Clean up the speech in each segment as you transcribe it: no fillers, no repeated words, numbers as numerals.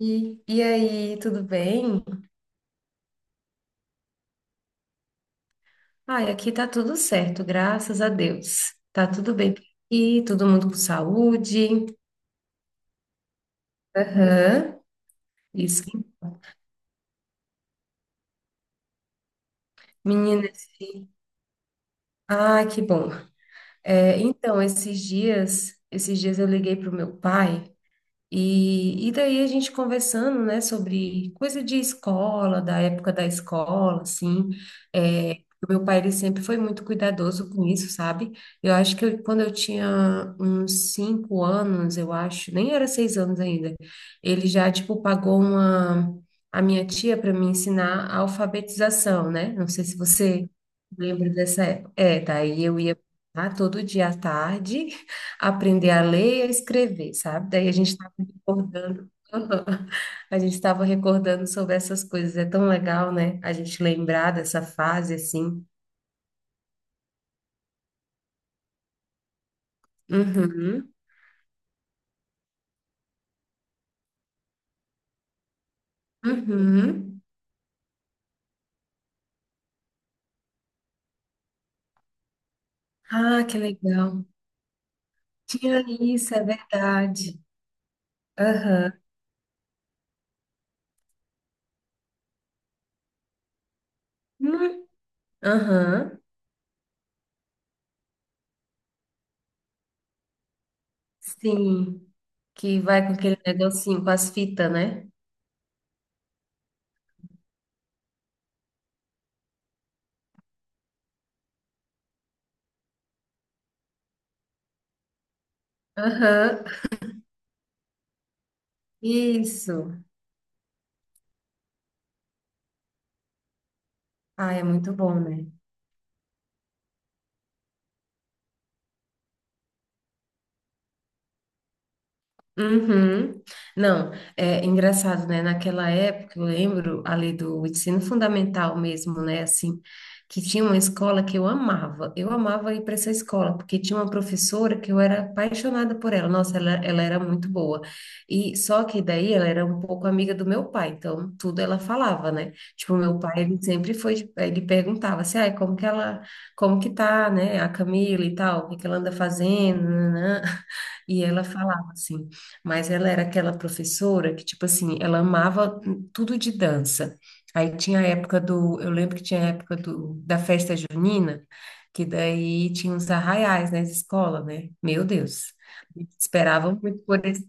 E aí, tudo bem? Ai, aqui tá tudo certo, graças a Deus. Tá tudo bem por aqui, todo mundo com saúde. Aham, isso. Menina, ah, que bom. É, então, esses dias eu liguei pro meu pai. E daí a gente conversando, né, sobre coisa de escola, da época da escola, assim, é, o meu pai, ele sempre foi muito cuidadoso com isso, sabe? Eu acho que quando eu tinha uns 5 anos, eu acho, nem era 6 anos ainda, ele já, tipo, pagou uma, a minha tia para me ensinar a alfabetização, né? Não sei se você lembra dessa época. É, daí eu ia lá todo dia à tarde aprender a ler e a escrever, sabe? Daí a gente recordando. A gente estava recordando sobre essas coisas. É tão legal, né? A gente lembrar dessa fase assim. Uhum. Uhum. Ah, que legal. Tinha isso, é verdade. Aham. Hum, aham. Sim. Que vai com aquele negocinho, com as fitas, né? Aham. Isso. Ah, é muito bom, né? Uhum. Não, é engraçado, né? Naquela época, eu lembro ali do ensino fundamental mesmo, né? Assim, que tinha uma escola que eu amava. Eu amava ir para essa escola, porque tinha uma professora que eu era apaixonada por ela. Nossa, ela era muito boa. E só que daí ela era um pouco amiga do meu pai, então tudo ela falava, né? Tipo, meu pai, ele sempre foi, ele perguntava assim, ai, como que ela, como que tá, né? A Camila e tal, o que que ela anda fazendo, nananã. E ela falava assim. Mas ela era aquela professora que, tipo assim, ela amava tudo de dança. Aí tinha a época do, eu lembro que tinha a época do, da festa junina, que daí tinha uns arraiais nas escolas, né? Meu Deus, esperavam muito por isso.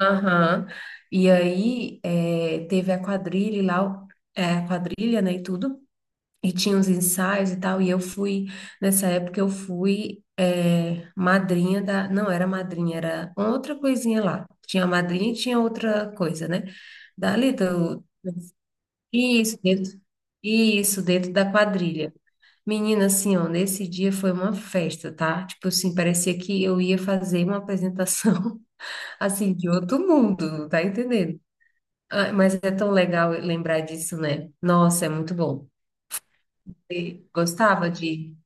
Aham. E aí teve a quadrilha e lá, a quadrilha, né, e tudo. E tinha uns ensaios e tal, e eu fui, nessa época eu fui madrinha não era madrinha, era outra coisinha lá. Tinha a madrinha e tinha outra coisa, né? Dali do, isso, dentro, isso, dentro da quadrilha. Menina, assim, ó, nesse dia foi uma festa, tá? Tipo assim, parecia que eu ia fazer uma apresentação, assim, de outro mundo, tá entendendo? Ah, mas é tão legal lembrar disso, né? Nossa, é muito bom. Você gostava de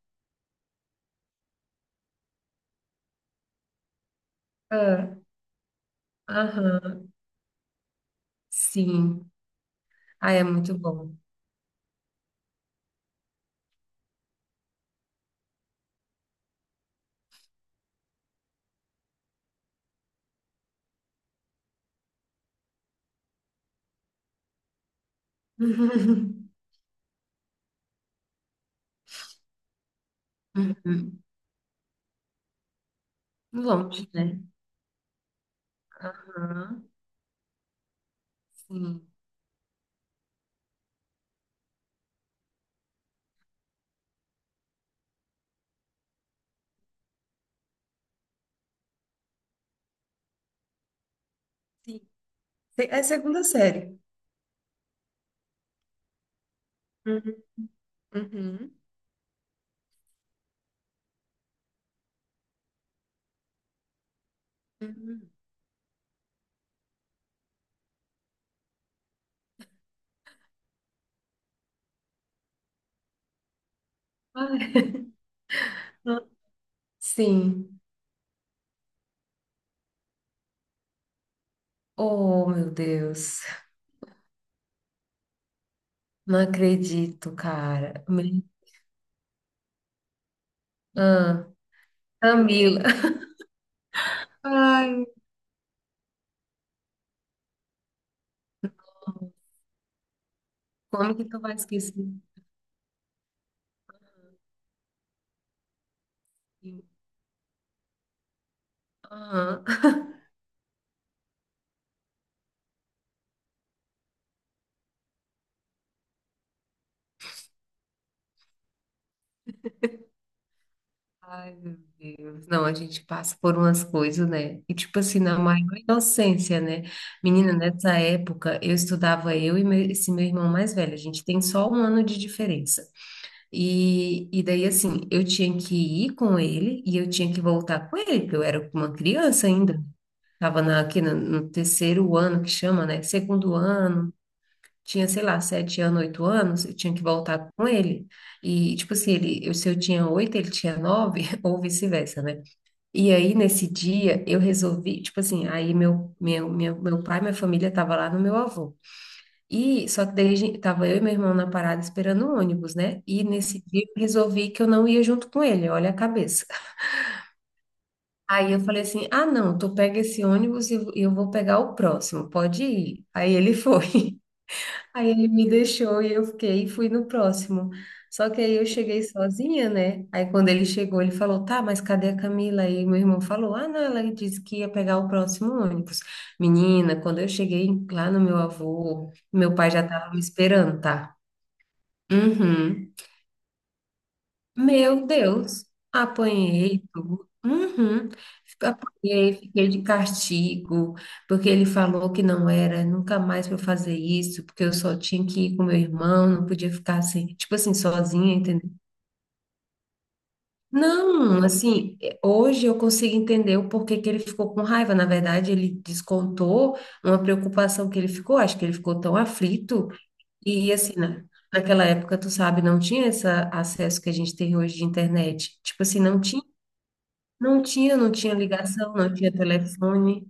ah, aham, sim. Ah, é muito bom. Uhum. Longe, né? Aham, sim. Sim. É segunda série. Uhum. Uhum. Uhum. Ai, sim. Oh, meu Deus. Não acredito, cara. Me- ah, Camila. Ai, como que tu vai esquecer? Aham. Ai, meu Deus. Não, a gente passa por umas coisas, né? E tipo assim, na maior inocência, né? Menina, nessa época eu estudava eu e esse meu irmão mais velho. A gente tem só 1 ano de diferença. E daí, assim, eu tinha que ir com ele e eu tinha que voltar com ele, porque eu era uma criança ainda. Tava aqui no terceiro ano que chama, né? Segundo ano. Tinha, sei lá, 7 anos, 8 anos, eu tinha que voltar com ele. E, tipo assim, ele, eu, se eu tinha 8, ele tinha 9, ou vice-versa, né? E aí, nesse dia, eu resolvi, tipo assim, aí minha família tava lá no meu avô. E só que daí tava eu e meu irmão na parada esperando o ônibus, né? E nesse dia eu resolvi que eu não ia junto com ele, olha a cabeça. Aí eu falei assim: ah, não, tu pega esse ônibus e eu vou pegar o próximo, pode ir. Aí ele foi. Aí ele me deixou e eu fiquei e fui no próximo. Só que aí eu cheguei sozinha, né? Aí quando ele chegou, ele falou: "Tá, mas cadê a Camila?" Aí meu irmão falou: "Ah, não, ela disse que ia pegar o próximo ônibus." Menina, quando eu cheguei lá no meu avô, meu pai já estava me esperando, tá? Uhum. Meu Deus, apanhei tudo. Uhum. Apanhei, fiquei de castigo, porque ele falou que não era nunca mais para fazer isso, porque eu só tinha que ir com meu irmão, não podia ficar assim, tipo assim, sozinha, entendeu? Não, assim, hoje eu consigo entender o porquê que ele ficou com raiva. Na verdade, ele descontou uma preocupação que ele ficou, acho que ele ficou tão aflito, e assim, na naquela época, tu sabe, não tinha esse acesso que a gente tem hoje de internet. Tipo assim, não tinha ligação, não tinha telefone.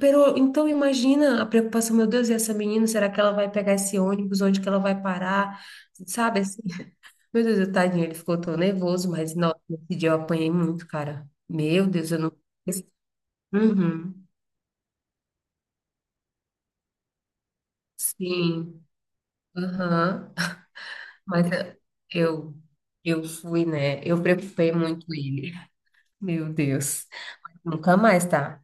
Pero, então imagina a preocupação, meu Deus, e essa menina, será que ela vai pegar esse ônibus? Onde que ela vai parar? Sabe assim? Meu Deus, o tadinho, ele ficou tão nervoso, mas nossa, nesse dia eu apanhei muito, cara. Meu Deus, eu não. Uhum. Sim, aham. Mas eu, eu fui, né? Eu preocupei muito ele. Meu Deus. Nunca mais, tá?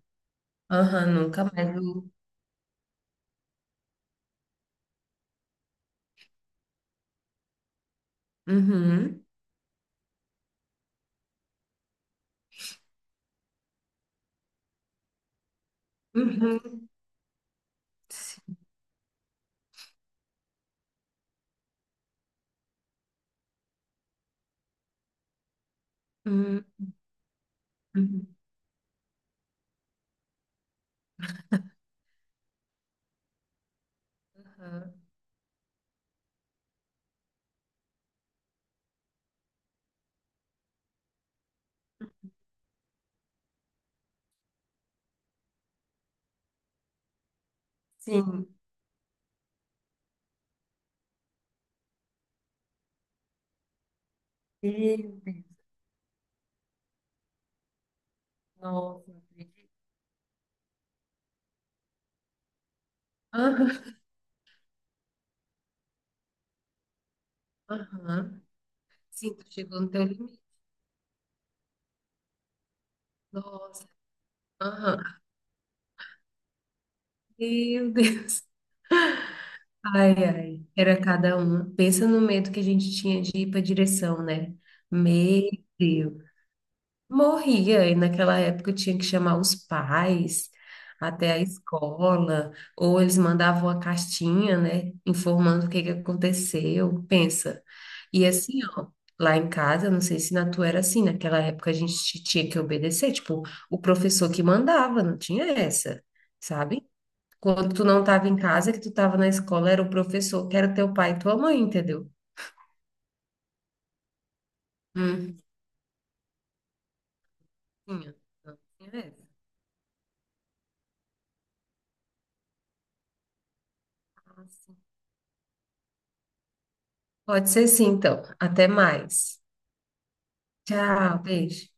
Aham, nunca mais. Eu- Uhum. Uhum. Sim. Hum. Uhum. Aham. Sim. Meu Deus. Nossa, não acredito. Aham. Aham. Sim, tu chegou no teu limite. Nossa. Aham. Meu Deus. Ai, ai. Era cada um. Pensa no medo que a gente tinha de ir para direção, né? Meu Deus. Morria, e naquela época eu tinha que chamar os pais até a escola, ou eles mandavam a cartinha, né, informando o que que aconteceu. Pensa. E assim, ó, lá em casa, não sei se na tua era assim, naquela época a gente tinha que obedecer, tipo, o professor que mandava, não tinha essa, sabe? Quando tu não estava em casa, que tu estava na escola, era o professor que era teu pai e tua mãe, entendeu? Hum, tinha, não tinha essa. Pode ser sim, então. Até mais. Tchau, beijo.